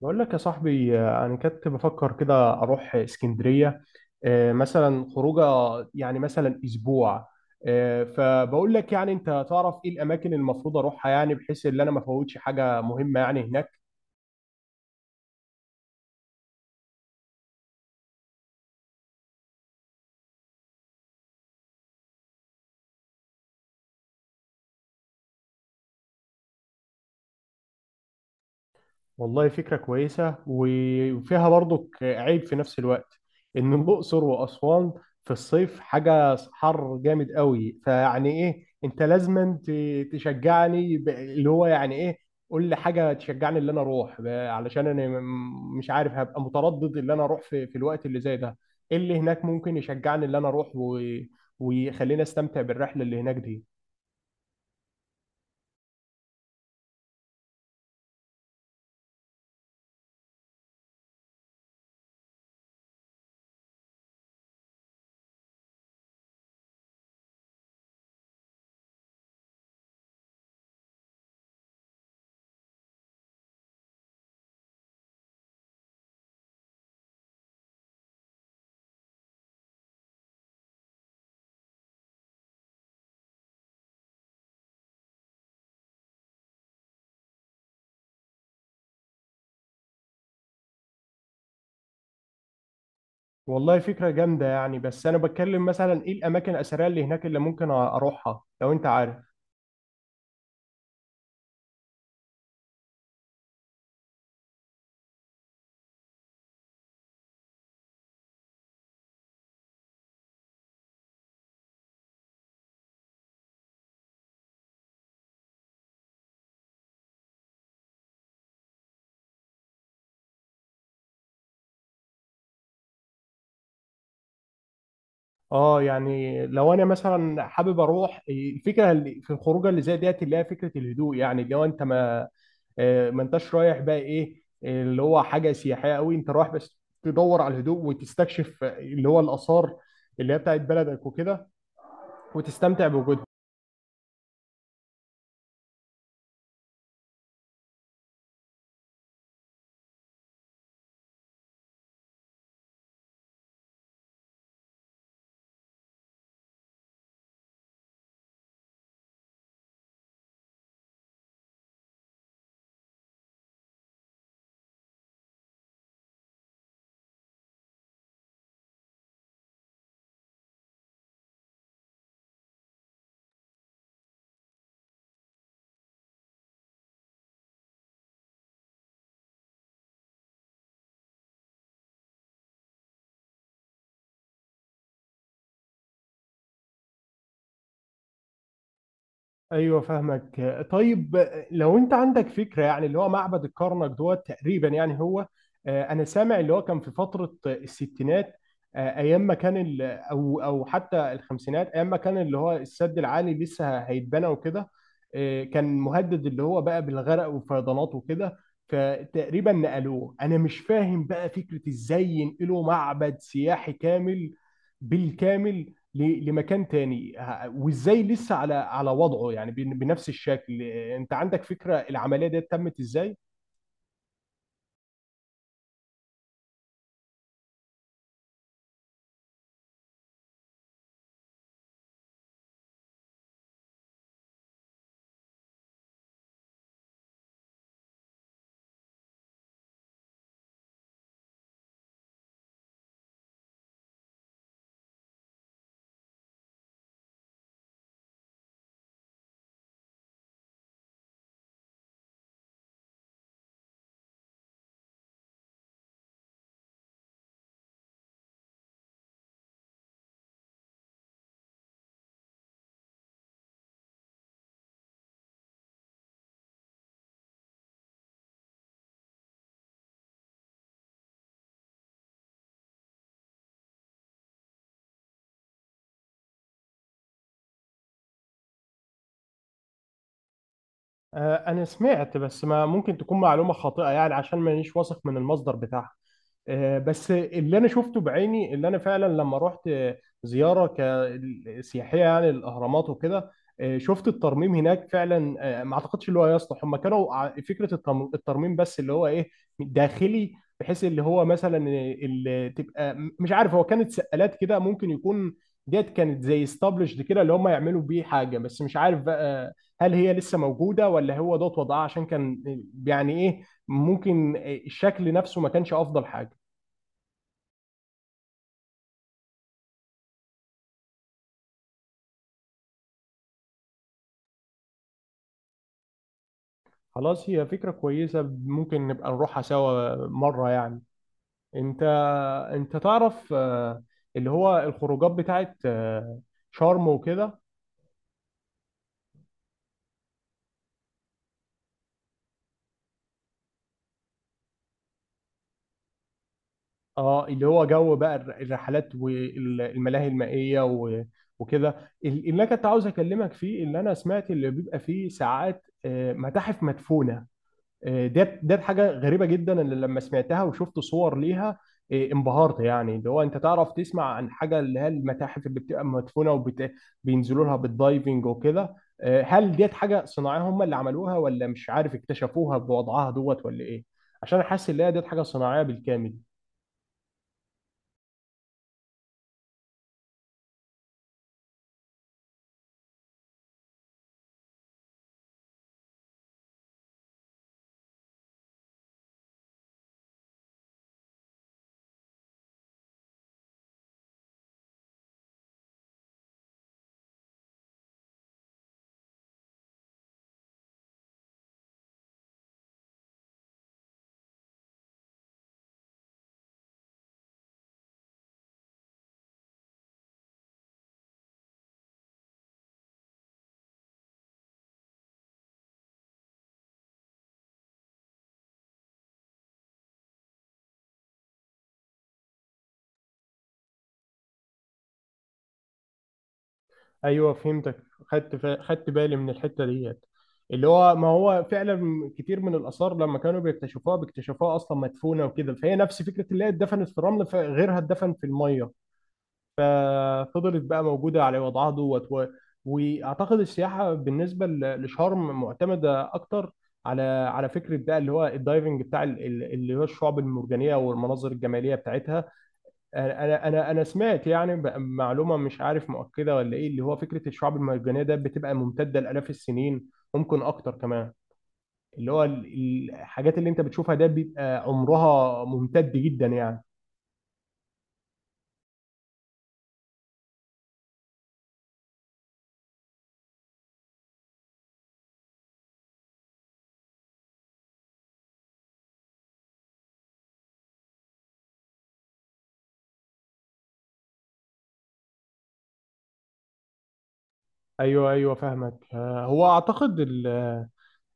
بقول لك يا صاحبي، انا كنت بفكر كده اروح اسكندريه. مثلا خروجه، يعني مثلا اسبوع. فبقول لك، يعني انت تعرف ايه الاماكن اللي المفروض اروحها، يعني بحيث ان انا ما افوتش حاجه مهمه يعني هناك؟ والله فكرة كويسة وفيها برضو عيب في نفس الوقت. إن الأقصر وأسوان في الصيف حاجة حر جامد قوي. فيعني إيه، أنت لازم تشجعني، اللي هو يعني إيه. قول لي حاجة تشجعني اللي أنا أروح، علشان أنا مش عارف، هبقى متردد اللي أنا أروح في الوقت اللي زي ده. إيه اللي هناك ممكن يشجعني اللي أنا أروح ويخليني أستمتع بالرحلة اللي هناك دي؟ والله فكرة جامدة يعني، بس أنا بتكلم مثلا إيه الأماكن الأثرية اللي هناك اللي ممكن أروحها، لو أنت عارف. أه، يعني لو أنا مثلا حابب أروح، الفكرة اللي في الخروجة اللي زي ديت اللي هي فكرة الهدوء، يعني اللي هو أنت ما، ما أنتش رايح بقى إيه اللي هو حاجة سياحية أوي، أنت رايح بس تدور على الهدوء، وتستكشف اللي هو الآثار اللي هي بتاعت بلدك وكده، وتستمتع بوجودها. ايوه، فاهمك. طيب، لو انت عندك فكره، يعني اللي هو معبد الكرنك دوت تقريبا يعني هو، انا سامع اللي هو كان في فتره الستينات، ايام ما كان او حتى الخمسينات، ايام ما كان اللي هو السد العالي لسه هيتبنى وكده، كان مهدد اللي هو بقى بالغرق والفيضانات وكده. فتقريبا نقلوه. انا مش فاهم بقى فكره ازاي ينقلوا معبد سياحي كامل بالكامل لمكان تاني، وازاي لسه على وضعه، يعني بنفس الشكل. انت عندك فكرة العملية دي تمت ازاي؟ أنا سمعت، بس ما ممكن تكون معلومة خاطئة يعني، عشان مانيش واثق من المصدر بتاعها. بس اللي أنا شفته بعيني، اللي أنا فعلا لما رحت زيارة سياحية يعني، الأهرامات وكده، شفت الترميم هناك فعلا. ما أعتقدش اللي هو يصلح، هم كانوا فكرة الترميم، بس اللي هو إيه، داخلي، بحيث اللي هو مثلا اللي تبقى، مش عارف هو كانت سقالات كده ممكن يكون. ديت كانت زي استابلشد كده اللي هم يعملوا بيه حاجة، بس مش عارف بقى، هل هي لسه موجودة ولا هو دوت وضعها عشان كان يعني ايه، ممكن الشكل نفسه ما كانش افضل حاجة. خلاص، هي فكرة كويسة، ممكن نبقى نروحها سوا مرة يعني. انت انت تعرف، اللي هو الخروجات بتاعت شرم وكده. اه، اللي هو جو بقى الرحلات والملاهي المائية وكده. اللي انا كنت عاوز اكلمك فيه، اللي انا سمعت اللي بيبقى فيه ساعات متاحف مدفونة. ديت حاجه غريبه جدا، اللي لما سمعتها وشفت صور ليها انبهرت. يعني اللي هو انت تعرف، تسمع عن حاجه اللي هي المتاحف اللي بتبقى مدفونه وبينزلوا لها بالدايفنج وكده. هل ديت حاجه صناعيه هم اللي عملوها، ولا مش عارف اكتشفوها بوضعها دوت، ولا ايه؟ عشان حاسس ان هي ديت حاجه صناعيه بالكامل. ايوه، فهمتك، خدت بالي من الحته ديت، اللي هو ما هو فعلا كتير من الاثار لما كانوا بيكتشفوها، بيكتشفوها اصلا مدفونه وكده، فهي نفس فكره اللي هي اتدفنت في الرمل، فغيرها اتدفن في الميه، ففضلت بقى موجوده على وضعها دوت واعتقد السياحه بالنسبه لشرم معتمده اكتر على فكره بقى اللي هو الدايفنج بتاع اللي هو الشعب المرجانيه والمناظر الجماليه بتاعتها. انا سمعت يعني معلومه مش عارف مؤكده ولا ايه، اللي هو فكره الشعاب المرجانيه ده بتبقى ممتده لالاف السنين، ممكن اكتر كمان. اللي هو ال- الحاجات اللي انت بتشوفها ده بيبقى عمرها ممتد جدا يعني. ايوه ايوه، فاهمك. هو اعتقد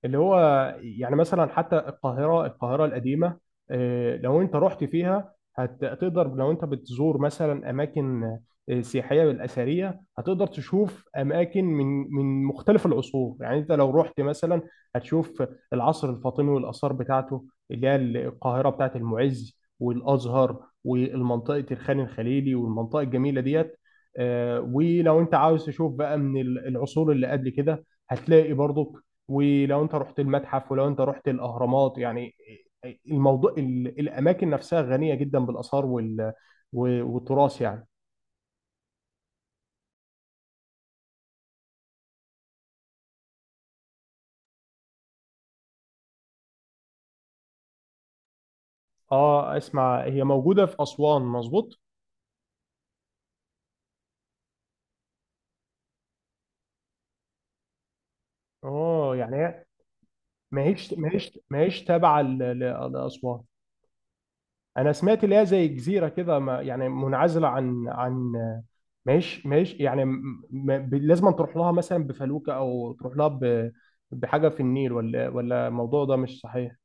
اللي هو يعني مثلا حتى القاهرة، القاهرة القديمة، لو انت رحت فيها هتقدر، لو انت بتزور مثلا اماكن سياحية بالاثرية، هتقدر تشوف اماكن من مختلف العصور، يعني انت لو رحت مثلا هتشوف العصر الفاطمي والاثار بتاعته، اللي هي القاهرة بتاعت المعز والازهر، والمنطقة الخان الخليلي والمنطقة الجميلة ديت. ولو انت عاوز تشوف بقى من العصور اللي قبل كده، هتلاقي برضو. ولو انت رحت المتحف، ولو انت رحت الاهرامات يعني، الموضوع الاماكن نفسها غنيه جدا بالاثار والتراث يعني. اه، اسمع، هي موجوده في اسوان، مظبوط. اه يعني هي، ما هيش تابعه لاسوان. انا سمعت اللي هي زي جزيره كده، يعني منعزله عن. ما هيش يعني، لازم تروح لها مثلا بفلوكه، او تروح لها بحاجه في النيل، ولا الموضوع ده مش صحيح؟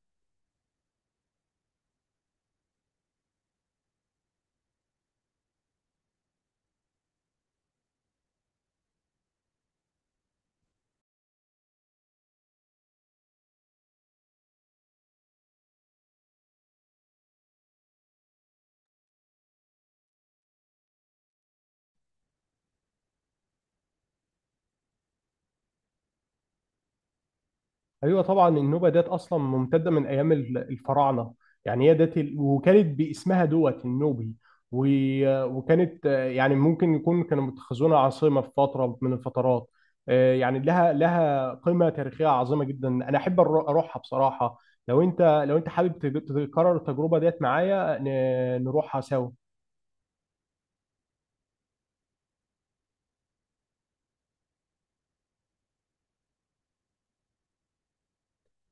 ايوه طبعا، النوبه ديت اصلا ممتده من ايام الفراعنه، يعني هي ديت وكانت باسمها دوت النوبي، وكانت يعني ممكن يكون كانوا متخذونها عاصمه في فتره من الفترات. يعني لها قيمه تاريخيه عظيمه جدا، انا احب اروحها بصراحه. لو انت حابب تكرر التجربه ديت معايا، نروحها سوا.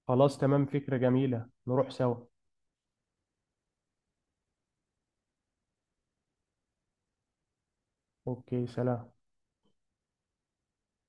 خلاص تمام، فكره جميله، نروح سوا. اوكي، سلام.